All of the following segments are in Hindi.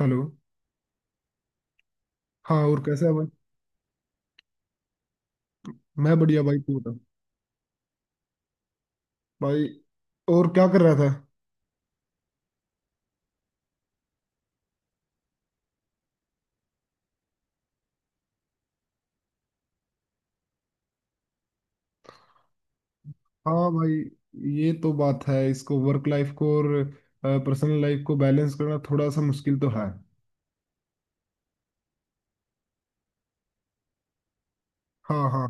हेलो। हाँ और कैसा है भाई। मैं बढ़िया भाई तू बता। भाई और क्या कर रहा था। हाँ भाई ये तो बात है, इसको वर्क लाइफ को और पर्सनल लाइफ को बैलेंस करना थोड़ा सा मुश्किल तो है। हाँ हाँ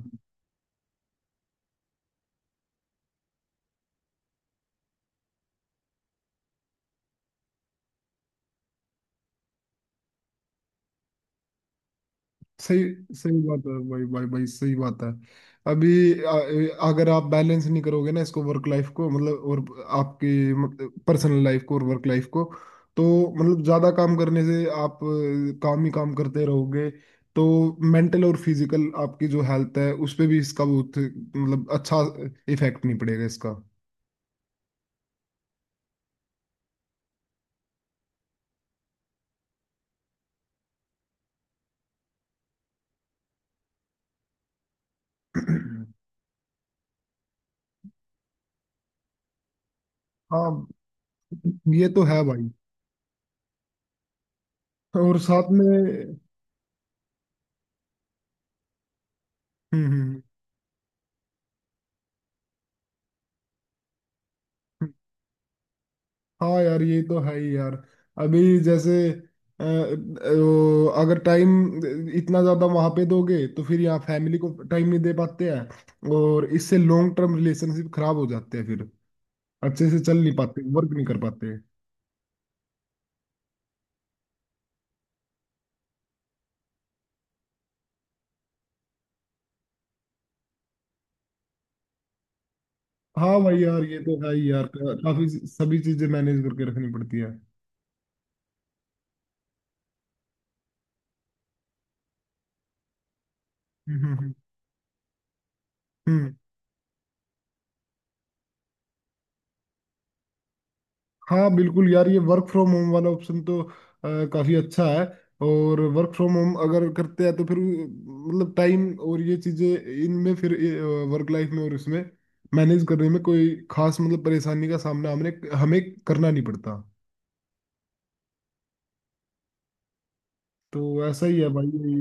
सही। सही बात है भाई, भाई सही बात है। अभी अगर आप बैलेंस नहीं करोगे ना इसको, वर्क लाइफ को मतलब, और आपकी मतलब पर्सनल लाइफ को और वर्क लाइफ को, तो मतलब ज्यादा काम करने से आप काम ही काम करते रहोगे तो मेंटल और फिजिकल आपकी जो हेल्थ है उस पे भी इसका बहुत मतलब अच्छा इफेक्ट नहीं पड़ेगा इसका। हाँ ये तो है भाई। और साथ में। हम्म हम्म। हाँ यार ये तो है ही यार। अभी जैसे वो अगर टाइम इतना ज़्यादा वहाँ पे दोगे तो फिर यहाँ फैमिली को टाइम नहीं दे पाते हैं और इससे लॉन्ग टर्म रिलेशनशिप खराब हो जाते हैं फिर, अच्छे से चल नहीं पाते, वर्क नहीं कर पाते। हाँ भाई यार ये तो है ही यार, काफ़ी सभी चीज़ें मैनेज करके रखनी पड़ती है। हम्म हम्म हम्म। हाँ बिल्कुल यार ये वर्क फ्रॉम होम वाला ऑप्शन तो काफी अच्छा है। और वर्क फ्रॉम होम अगर करते हैं तो फिर वो, मतलब टाइम और ये चीजें इनमें फिर वर्क लाइफ में और इसमें मैनेज करने में कोई खास मतलब परेशानी का सामना हमने हमें करना नहीं पड़ता। तो ऐसा ही है भाई यही।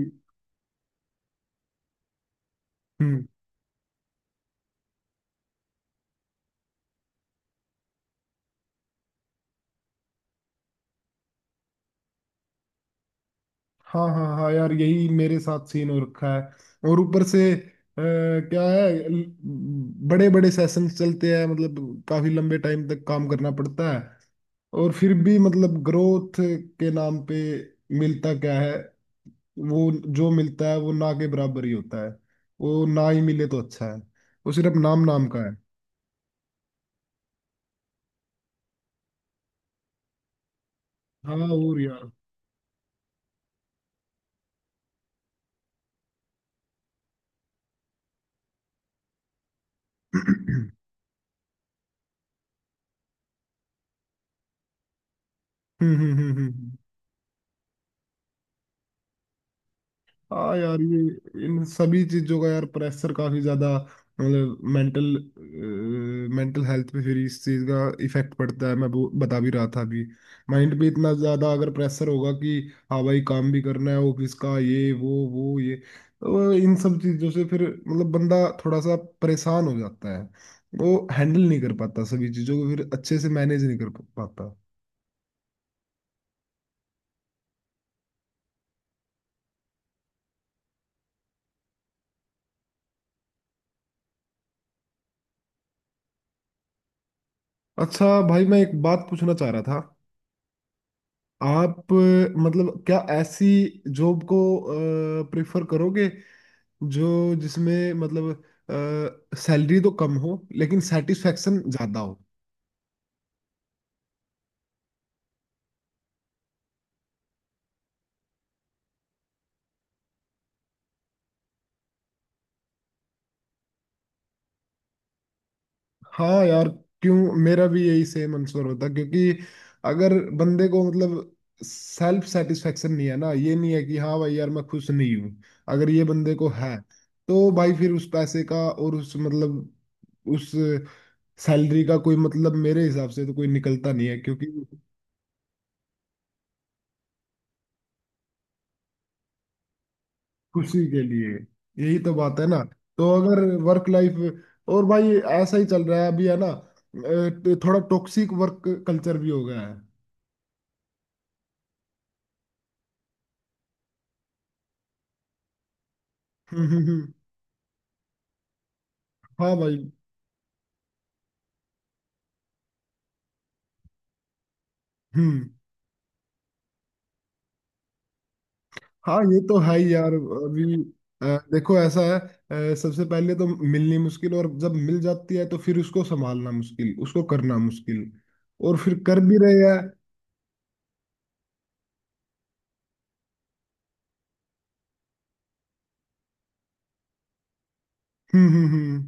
हम्म। हाँ हाँ हाँ यार यही मेरे साथ सीन हो रखा है। और ऊपर से क्या है, बड़े बड़े सेशंस चलते हैं मतलब काफी लंबे टाइम तक काम करना पड़ता है। और फिर भी मतलब ग्रोथ के नाम पे मिलता क्या है? वो जो मिलता है वो ना के बराबर ही होता है। वो ना ही मिले तो अच्छा है। वो सिर्फ नाम नाम का है। हाँ और यार। हम्म। हाँ यार ये इन सभी चीजों का यार प्रेशर काफी ज्यादा मतलब मेंटल, मेंटल हेल्थ पे फिर इस चीज का इफेक्ट पड़ता है। मैं वो बता भी रहा था अभी, माइंड पे इतना ज्यादा अगर प्रेशर होगा कि हाँ भाई काम भी करना है ऑफिस का, ये वो ये, तो इन सब चीजों से फिर मतलब बंदा थोड़ा सा परेशान हो जाता है, वो हैंडल नहीं कर पाता, सभी चीजों को फिर अच्छे से मैनेज नहीं कर पाता। अच्छा भाई मैं एक बात पूछना चाह रहा था। आप मतलब क्या ऐसी जॉब को प्रेफर करोगे जो, जिसमें मतलब सैलरी तो कम हो लेकिन सेटिस्फेक्शन ज्यादा हो? हाँ यार क्यों, मेरा भी यही सेम आंसर होता, क्योंकि अगर बंदे को मतलब सेल्फ सेटिस्फेक्शन नहीं है ना, ये नहीं है कि हाँ भाई यार मैं खुश नहीं हूँ, अगर ये बंदे को है तो भाई फिर उस पैसे का और उस मतलब उस सैलरी का कोई मतलब मेरे हिसाब से तो कोई निकलता नहीं है क्योंकि खुशी के लिए, यही तो बात है ना। तो अगर वर्क लाइफ और भाई ऐसा ही चल रहा है अभी है ना, थोड़ा टॉक्सिक वर्क कल्चर भी हो गया है। हम्म। हाँ भाई। हम्म। हाँ ये तो है ही यार। अभी अ, देखो ऐसा है, सबसे पहले तो मिलनी मुश्किल और जब मिल जाती है तो फिर उसको संभालना मुश्किल, उसको करना मुश्किल, और फिर कर भी रहे हैं। हम्म।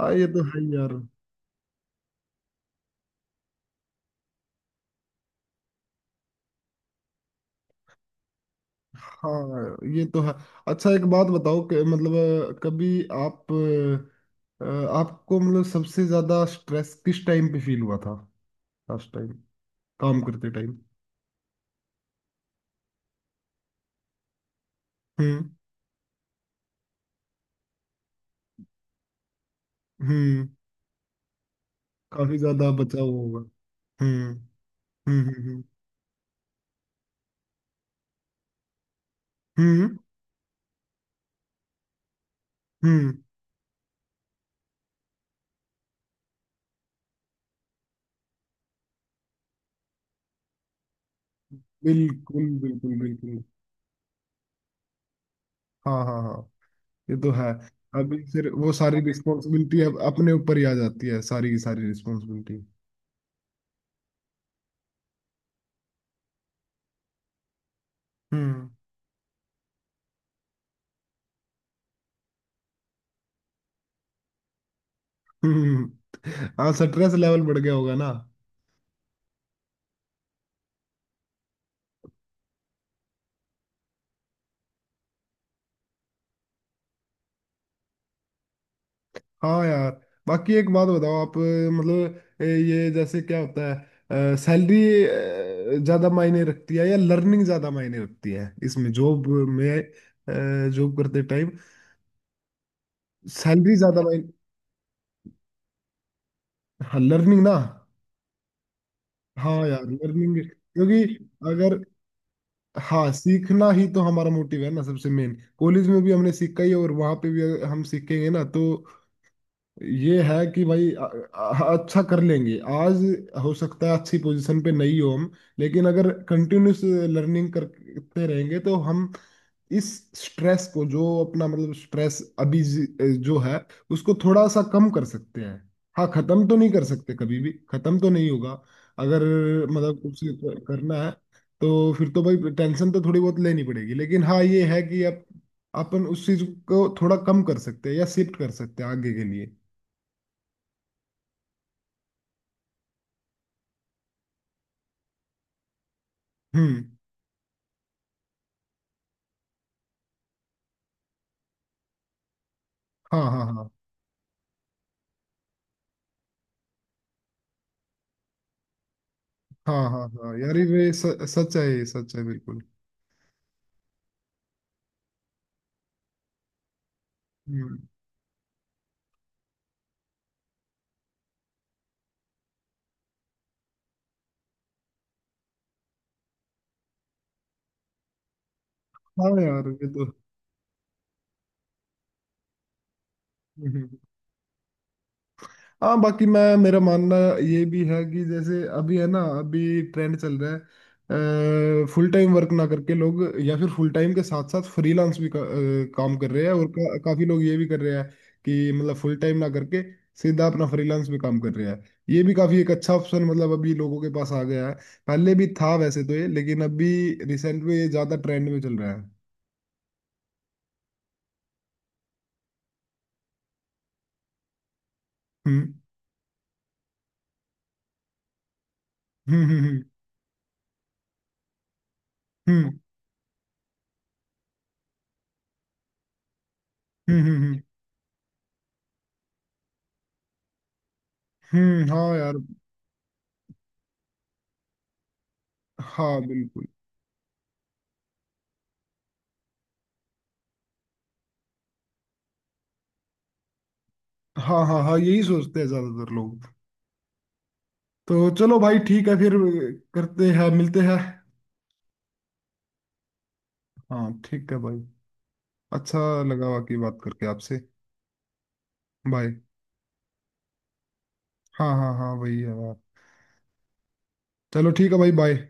हाँ ये तो है ही यार। हाँ ये तो है। अच्छा एक बात बताओ कि मतलब कभी आप अ, आपको मतलब सबसे ज्यादा स्ट्रेस किस टाइम पे फील हुआ था, लास्ट टाइम काम करते टाइम? हम्म। हम्म। काफी ज्यादा बचाव होगा। हम्म हम्म हम्म हम्म। हम्म। बिल्कुल बिल्कुल बिल्कुल। हाँ हाँ हाँ ये तो है। अभी फिर वो सारी रिस्पॉन्सिबिलिटी अब अपने ऊपर ही आ जाती है, सारी की सारी रिस्पॉन्सिबिलिटी। हम्म। हम्म। हाँ स्ट्रेस लेवल बढ़ गया होगा ना। हाँ यार। बाकी एक बात बताओ आप मतलब ये जैसे क्या होता है, सैलरी ज्यादा मायने रखती है या लर्निंग ज्यादा मायने रखती है इसमें जॉब में, जॉब करते टाइम? सैलरी ज्यादा मायने। हाँ लर्निंग ना। हाँ यार लर्निंग, क्योंकि अगर, हाँ सीखना ही तो हमारा मोटिव है ना सबसे मेन, कॉलेज में भी हमने सीखा ही और वहां पे भी अगर हम सीखेंगे ना तो ये है कि भाई अच्छा कर लेंगे आज। हो सकता है अच्छी पोजीशन पे नहीं हो हम लेकिन अगर कंटिन्यूस लर्निंग करते रहेंगे तो हम इस स्ट्रेस को, जो अपना मतलब स्ट्रेस अभी जो है उसको थोड़ा सा कम कर सकते हैं। हाँ खत्म तो नहीं कर सकते, कभी भी खत्म तो नहीं होगा अगर मतलब कुछ करना है तो फिर तो भाई टेंशन तो थोड़ी बहुत लेनी पड़ेगी लेकिन हाँ ये है कि अब अपन उस चीज को थोड़ा कम कर सकते हैं या शिफ्ट कर सकते हैं आगे के लिए। हम्म। हाँ हाँ हाँ। हाँ हाँ हाँ यार ये सच है, ये सच है बिल्कुल। हम्म। हाँ यार ये तो। हम्म, हम्म। हाँ बाकी मैं, मेरा मानना ये भी है कि जैसे अभी है ना, अभी ट्रेंड चल रहा है फुल टाइम वर्क ना करके लोग, या फिर फुल टाइम के साथ साथ फ्रीलांस भी काम कर रहे हैं और काफी लोग ये भी कर रहे हैं कि मतलब फुल टाइम ना करके सीधा अपना फ्रीलांस में काम कर रहे हैं। ये भी काफी एक अच्छा ऑप्शन मतलब अभी लोगों के पास आ गया है। पहले भी था वैसे तो ये, लेकिन अभी रिसेंट में ये ज्यादा ट्रेंड में चल रहा है। हम्म हम्म हम्म हम्म। हम्म हम्म हम्म हम्म, हम्म, हम्म। हाँ यार। हाँ बिल्कुल। हाँ हाँ हाँ यही सोचते हैं ज्यादातर लोग। तो चलो भाई ठीक है फिर, करते हैं मिलते हैं। हाँ ठीक है भाई। अच्छा लगा बाकी बात करके आपसे। बाय। हाँ हाँ हाँ वही है बात। चलो ठीक है भाई, बाय।